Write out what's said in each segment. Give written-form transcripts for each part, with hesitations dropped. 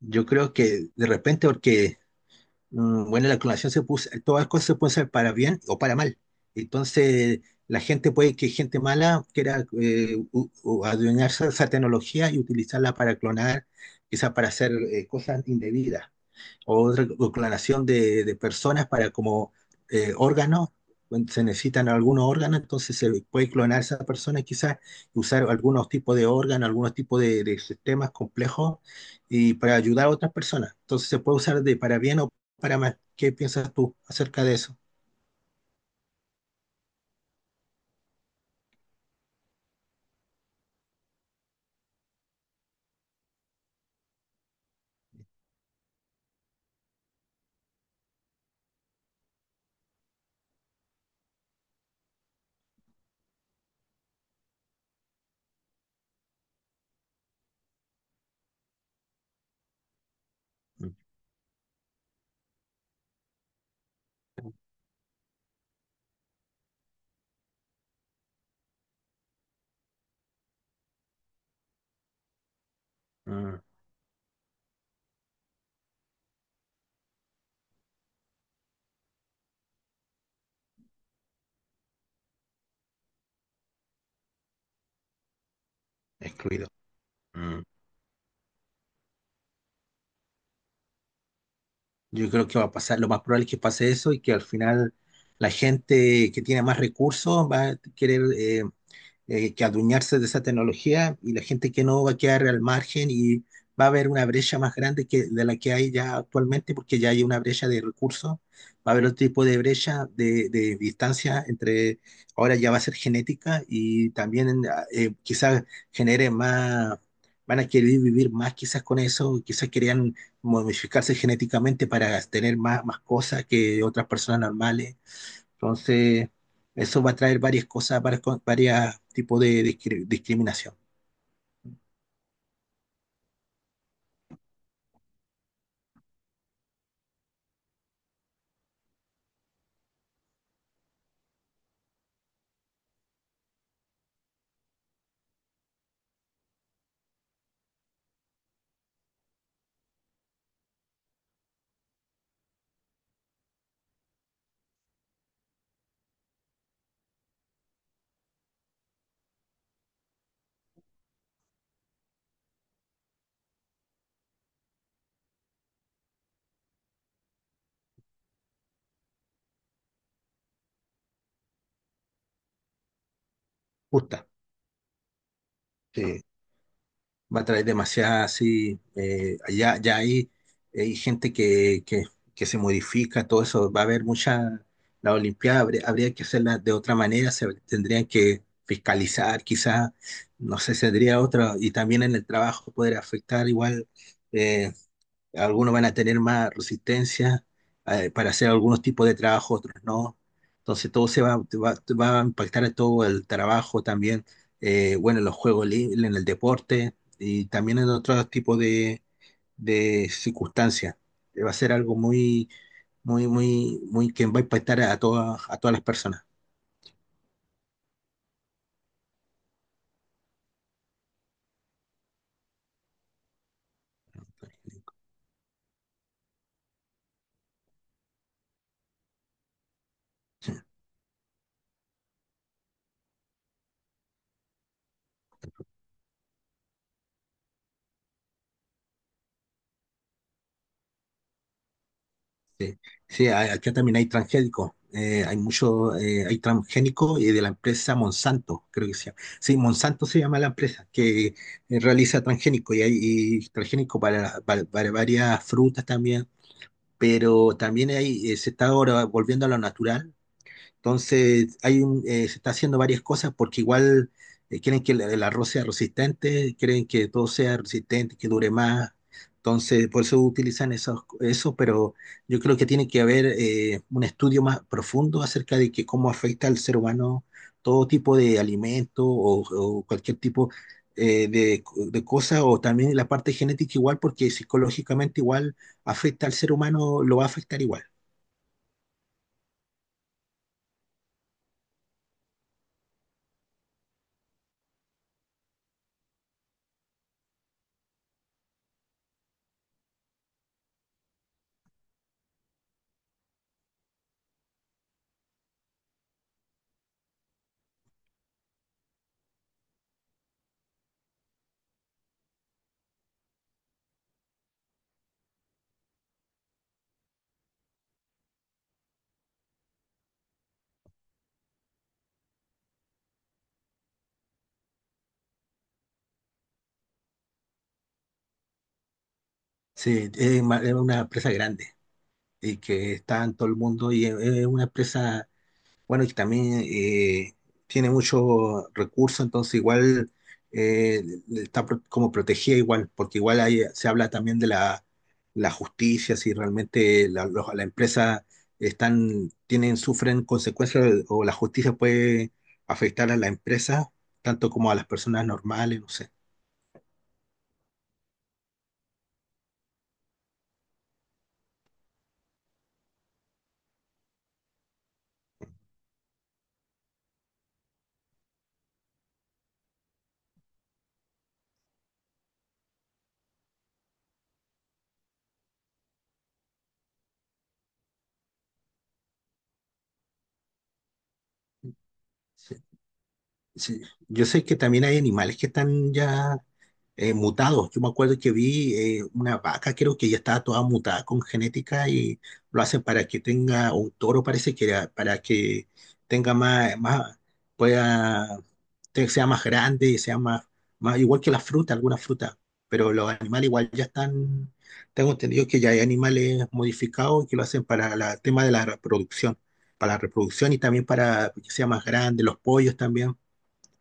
Yo creo que de repente, porque, bueno, la clonación se puso, todas las cosas se pueden hacer para bien o para mal. Entonces, la gente puede que gente mala quiera adueñarse de esa tecnología y utilizarla para clonar, quizás para hacer cosas indebidas, otra clonación de personas para como órganos, cuando se necesitan algunos órganos, entonces se puede clonar a esa persona y quizás usar algunos tipos de órganos, algunos tipos de sistemas complejos y para ayudar a otras personas. Entonces se puede usar de para bien o para mal. ¿Qué piensas tú acerca de eso? Mm, mm, excluido. Mm. Yo creo que va a pasar, lo más probable es que pase eso y que al final la gente que tiene más recursos va a querer que adueñarse de esa tecnología, y la gente que no va a quedar al margen, y va a haber una brecha más grande que de la que hay ya actualmente, porque ya hay una brecha de recursos. Va a haber otro tipo de brecha de distancia entre, ahora ya va a ser genética. Y también quizás genere más, van a querer vivir más quizás con eso, quizás querían modificarse genéticamente para tener más, más cosas que otras personas normales. Entonces, eso va a traer varias cosas, varias tipos de discriminación justa. Que va a traer demasiada, así, ya hay gente que se modifica, todo eso, va a haber mucha, la Olimpiada habría que hacerla de otra manera, se tendrían que fiscalizar quizás, no sé, sería otra, y también en el trabajo poder afectar igual. eh, Algunos van a tener más resistencia para hacer algunos tipos de trabajo, otros no. Entonces todo se va a impactar en todo el trabajo también, bueno, en los juegos libres, en el deporte y también en otros tipos de circunstancias. Va a ser algo muy, muy que va a impactar a a todas las personas. Sí, acá también hay transgénicos. Hay mucho, hay transgénicos y de la empresa Monsanto, creo que se llama. Sí, Monsanto se llama la empresa que realiza transgénico, y hay y transgénico para, para varias frutas también, pero también hay, se está ahora volviendo a lo natural. Entonces, se está haciendo varias cosas porque igual quieren que el arroz sea resistente, quieren que todo sea resistente, que dure más. Entonces, por eso utilizan eso, pero yo creo que tiene que haber un estudio más profundo acerca de que cómo afecta al ser humano todo tipo de alimento o cualquier tipo eh, de, de cosa, o también la parte genética igual, porque psicológicamente igual afecta al ser humano, lo va a afectar igual. Sí, es es una empresa grande. Y que está en todo el mundo, y es una empresa, bueno, y también tiene muchos recursos, entonces igual eh, está como protegida igual, porque igual ahí se habla también de la justicia, si realmente la empresa están, tienen, sufren consecuencias, o la justicia puede afectar a la empresa, tanto como a las personas normales, no sé. Sí, sí. Yo sé que también hay animales que están ya mutados. Yo me acuerdo que vi una vaca, creo que ya estaba toda mutada con genética, y lo hacen para que tenga, o un toro parece que era, para que tenga más, pueda, sea más grande, sea más, más, igual que la fruta, algunas frutas. Pero los animales igual ya están, tengo entendido que ya hay animales modificados que lo hacen para el tema de la reproducción, para la reproducción, y también para que sea más grande, los pollos también.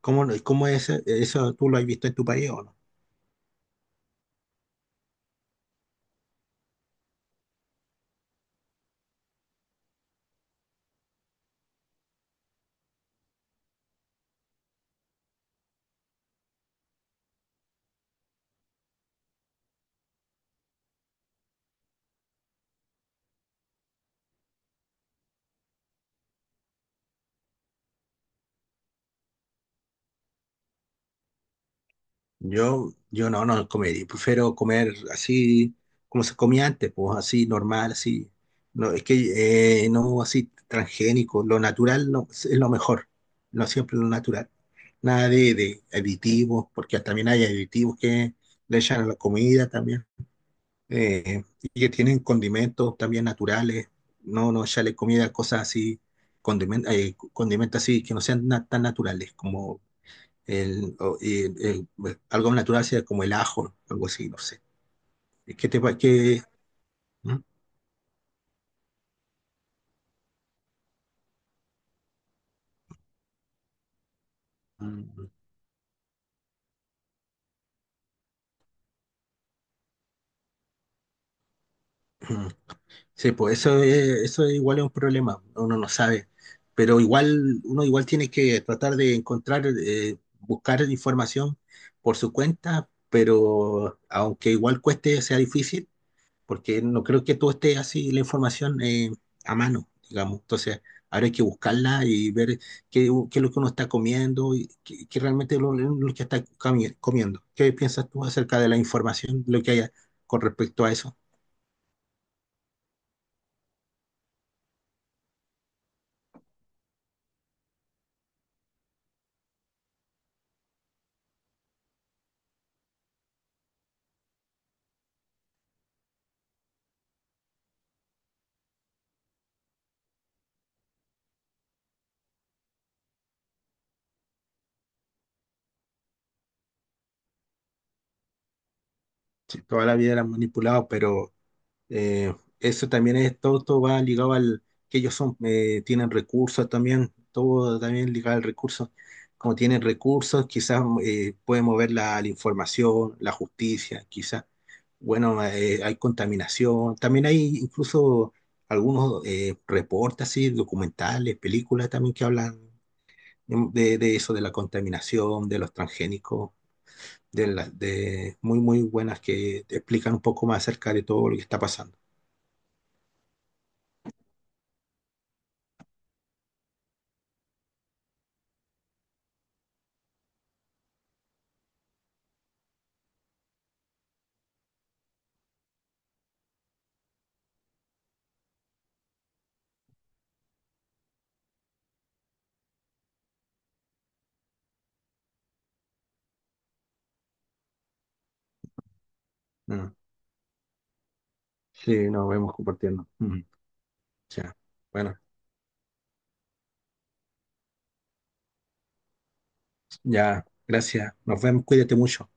¿Cómo, cómo es eso? ¿Tú lo has visto en tu país o no? Yo no, no comería, prefiero comer así como se comía antes, pues así normal, así. No, es que no así transgénico, lo natural no, es lo mejor, no siempre lo natural. Nada de aditivos, porque también hay aditivos que le echan a la comida también, y que tienen condimentos también naturales, no, no echarle comida, cosas así, condimentos así que no sean tan naturales, como el, o- el- el- pues, algo natural sea como el ajo, algo así, no sé. Es que que ¿Mm? Mm, mm. Sí, pues eso es igual es un problema, uno no sabe, pero igual uno igual tiene que tratar de encontrar buscar información por su cuenta, pero aunque igual cueste sea difícil, porque no creo que todo esté así la información a mano, digamos. Entonces, ahora hay que buscarla y ver qué, qué es lo que uno está comiendo y qué, qué realmente es lo que está comiendo. ¿Qué piensas tú acerca de la información, lo que haya con respecto a eso? Sí, toda la vida la han manipulado. Pero Eh, eso también es, todo, todo va ligado al que ellos son, tienen recursos también, todo también ligado al recurso. Como tienen recursos, quizás pueden mover la información, la justicia, quizás. Bueno, hay contaminación. También hay incluso algunos reportes así, documentales, películas también que hablan de eso, de la contaminación, de los transgénicos, de, las de muy, muy buenas que te explican un poco más acerca de todo lo que está pasando. Mm. Sí, nos vemos compartiendo. Ujú. Ya. Bueno, ya, gracias. Nos vemos, cuídate mucho.